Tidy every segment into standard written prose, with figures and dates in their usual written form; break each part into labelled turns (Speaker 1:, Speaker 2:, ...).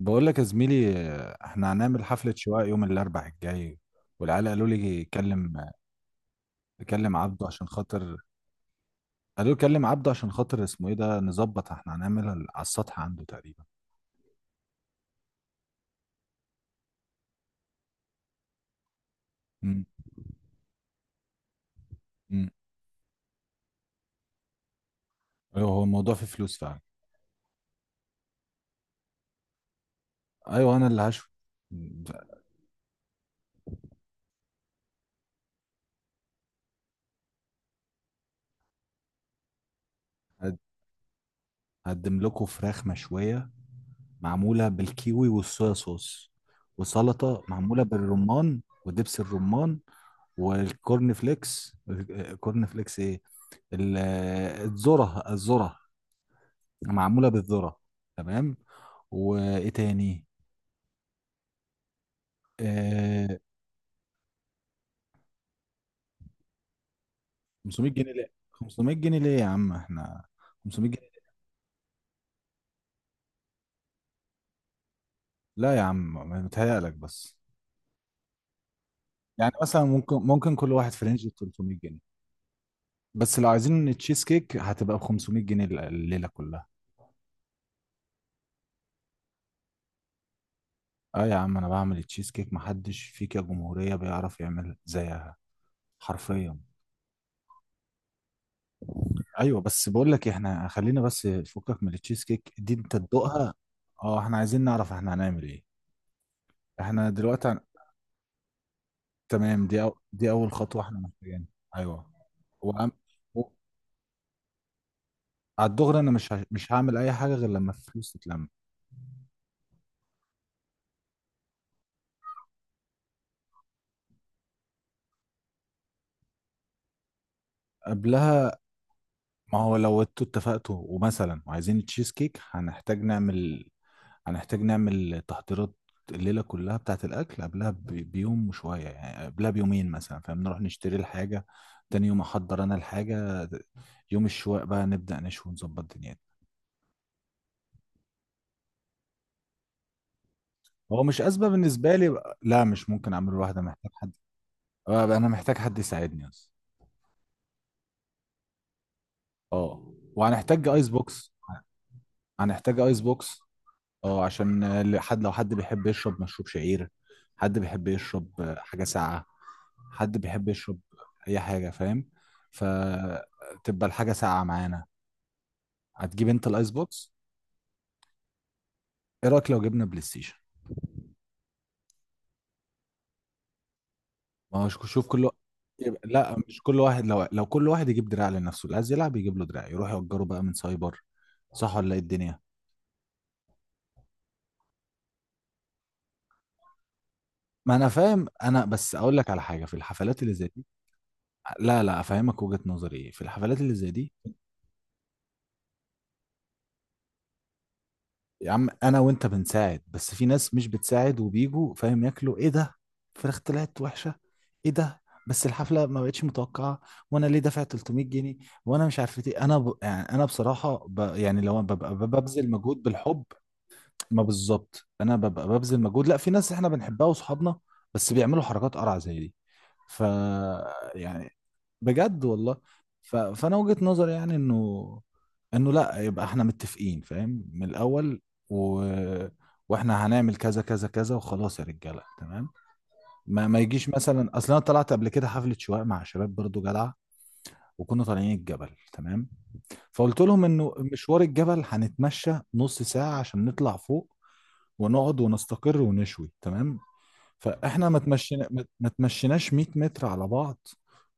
Speaker 1: بقول لك يا زميلي، احنا هنعمل حفلة شواء يوم الأربع الجاي. والعيال قالوا لي كلم عبده عشان خاطر. قالوا لي كلم عبده عشان خاطر اسمه ايه ده نظبط. احنا هنعملها على السطح عنده تقريبا. امم امم ايوه، هو الموضوع فيه فلوس فعلا. ايوه، انا اللي هشوي. هقدم لكم فراخ مشوية، معمولة بالكيوي والصويا صوص، وسلطة معمولة بالرمان ودبس الرمان، والكورن فليكس. كورن فليكس ايه؟ ال- الذرة. معمولة بالذرة. تمام. وايه تاني؟ آه. 500 جنيه ليه؟ 500 جنيه ليه يا عم؟ احنا 500 جنيه؟ لا يا عم، متهيألك بس. يعني مثلا ممكن كل واحد في رينج 300 جنيه. بس لو عايزين تشيز كيك هتبقى ب 500 جنيه الليلة كلها. اه يا عم، انا بعمل التشيز كيك محدش فيك يا جمهورية بيعرف يعمل زيها. حرفيا. ايوه، بس بقول لك إيه، احنا خلينا بس، فكك من التشيز كيك دي انت تدوقها. اه، احنا عايزين نعرف احنا هنعمل ايه. احنا دلوقتي عن... تمام. دي اول خطوة احنا محتاجينها. ايوه. وأم... و... على الدغري، انا مش هعمل اي حاجة غير لما الفلوس تتلم. قبلها. ما هو لو انتوا اتفقتوا ومثلا وعايزين التشيز كيك، هنحتاج نعمل تحضيرات. الليلة كلها بتاعة الأكل بيوم وشوية، يعني قبلها بيومين مثلا، فاهم؟ نروح نشتري الحاجة، تاني يوم أحضر أنا الحاجة، يوم الشواء بقى نبدأ نشوي ونظبط دنيتنا. هو مش أزمة بالنسبة لي بقى. لا، مش ممكن أعمل لوحدي، محتاج حد. آه، أنا محتاج حد يساعدني أصلا. أه، وهنحتاج أيس بوكس. هنحتاج أيس بوكس. اه، عشان حد، لو حد بيحب يشرب مشروب شعير، حد بيحب يشرب، حاجة ساقعة، حد بيحب يشرب أي حاجة، فاهم؟ فتبقى الحاجة ساقعة معانا. هتجيب أنت الأيس بوكس؟ إيه رأيك لو جبنا بلاي ستيشن؟ ما هو شوف شوف يبقى لا، مش كل واحد. لو كل واحد يجيب دراع لنفسه، اللي عايز يلعب يجيب له دراع، يروح يأجره بقى من سايبر. صح ولا ايه الدنيا؟ ما انا فاهم، انا بس اقول لك على حاجه في الحفلات اللي زي دي. لا لا، افهمك وجهه نظري ايه في الحفلات اللي زي دي. يا عم، انا وانت بنساعد، بس في ناس مش بتساعد وبيجوا فاهم ياكلوا. ايه ده؟ فراخ طلعت وحشه. ايه ده؟ بس الحفله ما بقتش متوقعه. وانا ليه دافع 300 جنيه وانا مش عارف ايه؟ يعني انا بصراحه، يعني لو ببقى ببذل مجهود بالحب، ما بالظبط، انا ببقى ببذل مجهود. لا، في ناس احنا بنحبها واصحابنا، بس بيعملوا حركات قرع زي دي. ف يعني، بجد والله. فانا وجهة نظري يعني انه لا، يبقى احنا متفقين فاهم من الاول. و... واحنا هنعمل كذا كذا كذا وخلاص يا رجاله، تمام. ما يجيش. مثلا اصل انا طلعت قبل كده حفله شواء مع شباب برضو جدع، وكنا طالعين الجبل، تمام. فقلت لهم انه مشوار الجبل هنتمشى نص ساعه عشان نطلع فوق ونقعد ونستقر ونشوي، تمام. فاحنا ما تمشيناش 100 متر على بعض،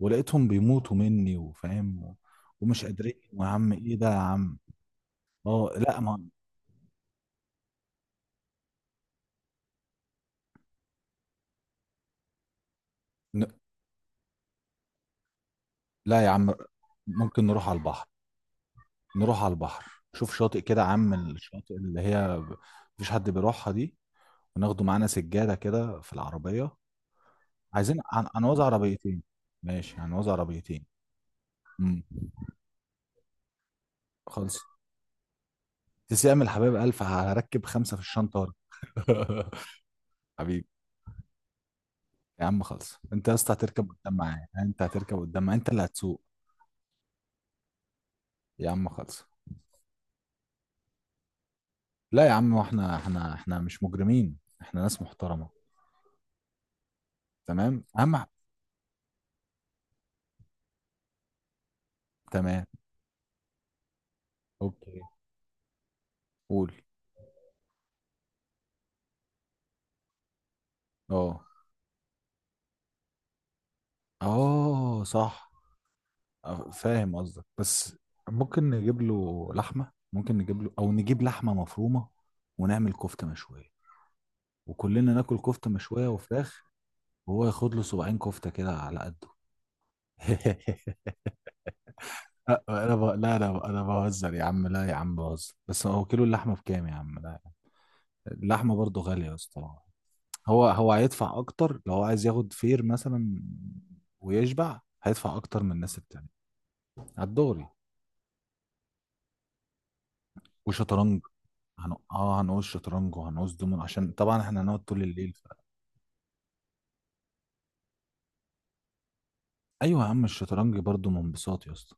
Speaker 1: ولقيتهم بيموتوا مني وفاهم و- ومش قادرين. يا عم ايه ده يا عم؟ اه لا ما ن- لا يا عم، ممكن نروح على البحر. نروح على البحر، شوف شاطئ كده يا عم، الشاطئ مفيش حد بيروحها دي، وناخده معانا سجادة كده في العربية. عايزين هنوزع عربيتين. ماشي، هنوزع عربيتين. امم خلص. تسلم الحبايب ألف، هركب خمسة في الشنطة ورا. حبيبي. يا عم خلص، انت يا اسطى هتركب قدام معايا، انت هتركب قدام معايا، انت اللي هتسوق. يا عم خلص. لا يا عم، احنا مش مجرمين، احنا ناس محترمة. تمام اهم ح- تمام. اوكي. قول. اه. اه صح. اه، فاهم قصدك، بس ممكن نجيب له لحمة، ممكن نجيب له او نجيب لحمة مفرومة ونعمل كفتة مشوية، وكلنا ناكل كفتة مشوية وفراخ، وهو ياخد له صباعين كفتة كده على قده. لا لا، انا بهزر يا عم، لا يا عم بهزر. بس هو كيلو اللحمه بكام يا عم؟ لا، اللحمه برضو غاليه يا اسطى. هو هيدفع اكتر لو هو عايز ياخد فير مثلا ويشبع، هيدفع اكتر من الناس التانية. على الدوري. وشطرنج. هن... اه هنقول شطرنج وهنقول دومين، عشان طبعا احنا هنقعد طول الليل. ايوه يا عم، الشطرنج برضو من انبساط يا اسطى.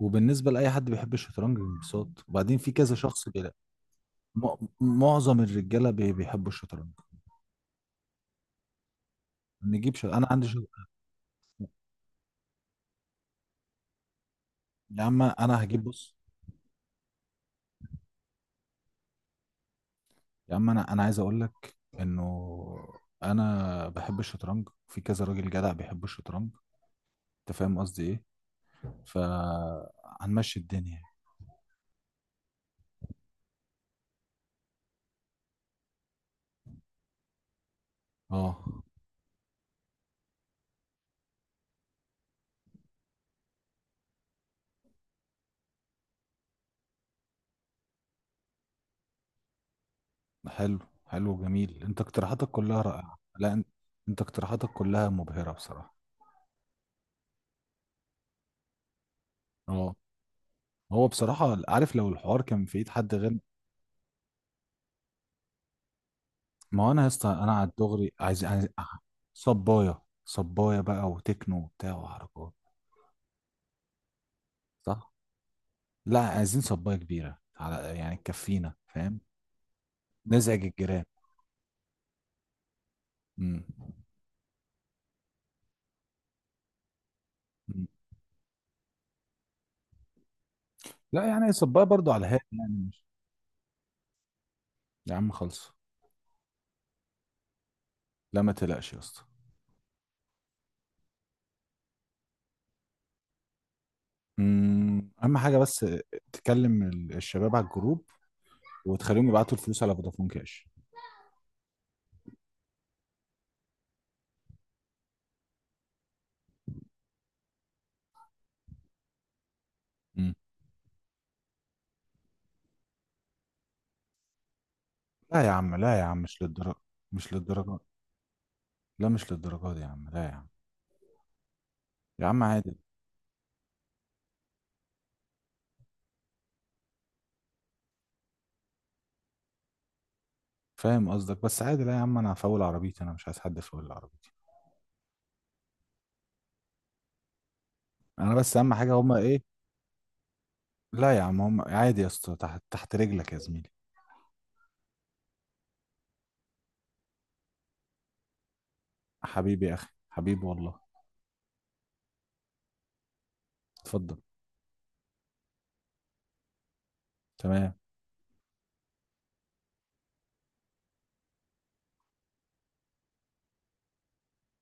Speaker 1: وبالنسبه لاي حد بيحب الشطرنج انبساط، وبعدين في كذا شخص بيلاقي. م... معظم الرجاله بيحبوا الشطرنج. انا عندي يا عم انا هجيب، بص يا عم، انا عايز اقول لك انه انا بحب الشطرنج، في كذا راجل جدع بيحب الشطرنج. انت فاهم قصدي ايه؟ فهنمشي الدنيا. اه. حلو. حلو جميل، انت اقتراحاتك كلها رائعة. لا انت، انت اقتراحاتك كلها مبهرة بصراحة. اه. هو بصراحة، عارف لو الحوار كان في ايد حد غير. ما هو انا يا اسطى، انا على الدغري عايز عايز صباية صباية بقى، وتكنو وبتاع وحركات. صح. لا، عايزين صباية كبيرة على يعني تكفينا، فاهم؟ نزعج الجيران. مم. مم. لا، يعني صباية برضو على هادي، يعني مش. يا عم خلص. لا ما تقلقش يا اسطى. مم. اهم حاجة بس، تكلم الشباب على الجروب وتخليهم يبعتوا الفلوس على فودافون كاش. مم. لا يا عم، لا يا عم، مش للدرجة. مش للدرجة. لا، مش للدرجة دي يا عم، لا يا عم. يا عم عادي. فاهم قصدك، بس عادي، لا يا عم، انا هفول عربيتي، انا مش عايز حد يفول عربيتي. انا بس اهم حاجة هما ايه. لا يا عم، هم عادي يا اسطى، تحت تحت رجلك يا زميلي. حبيبي يا اخي، حبيبي والله. اتفضل. تمام.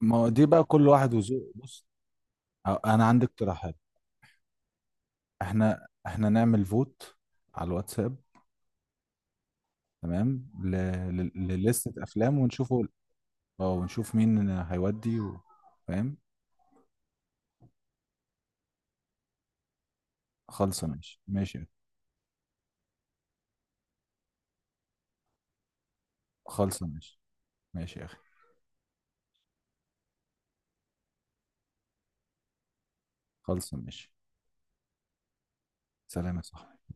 Speaker 1: ما هو دي بقى كل واحد وذوقه. بص، أه، انا عندي اقتراحات. احنا نعمل فوت على الواتساب. تمام ل... للستة افلام ونشوفه. اه، ونشوف مين هيودي فاهم. خالصه، ماشي ماشي. خالصه ماشي. ماشي يا اخي. خالصه ماشي. سلام يا صاحبي.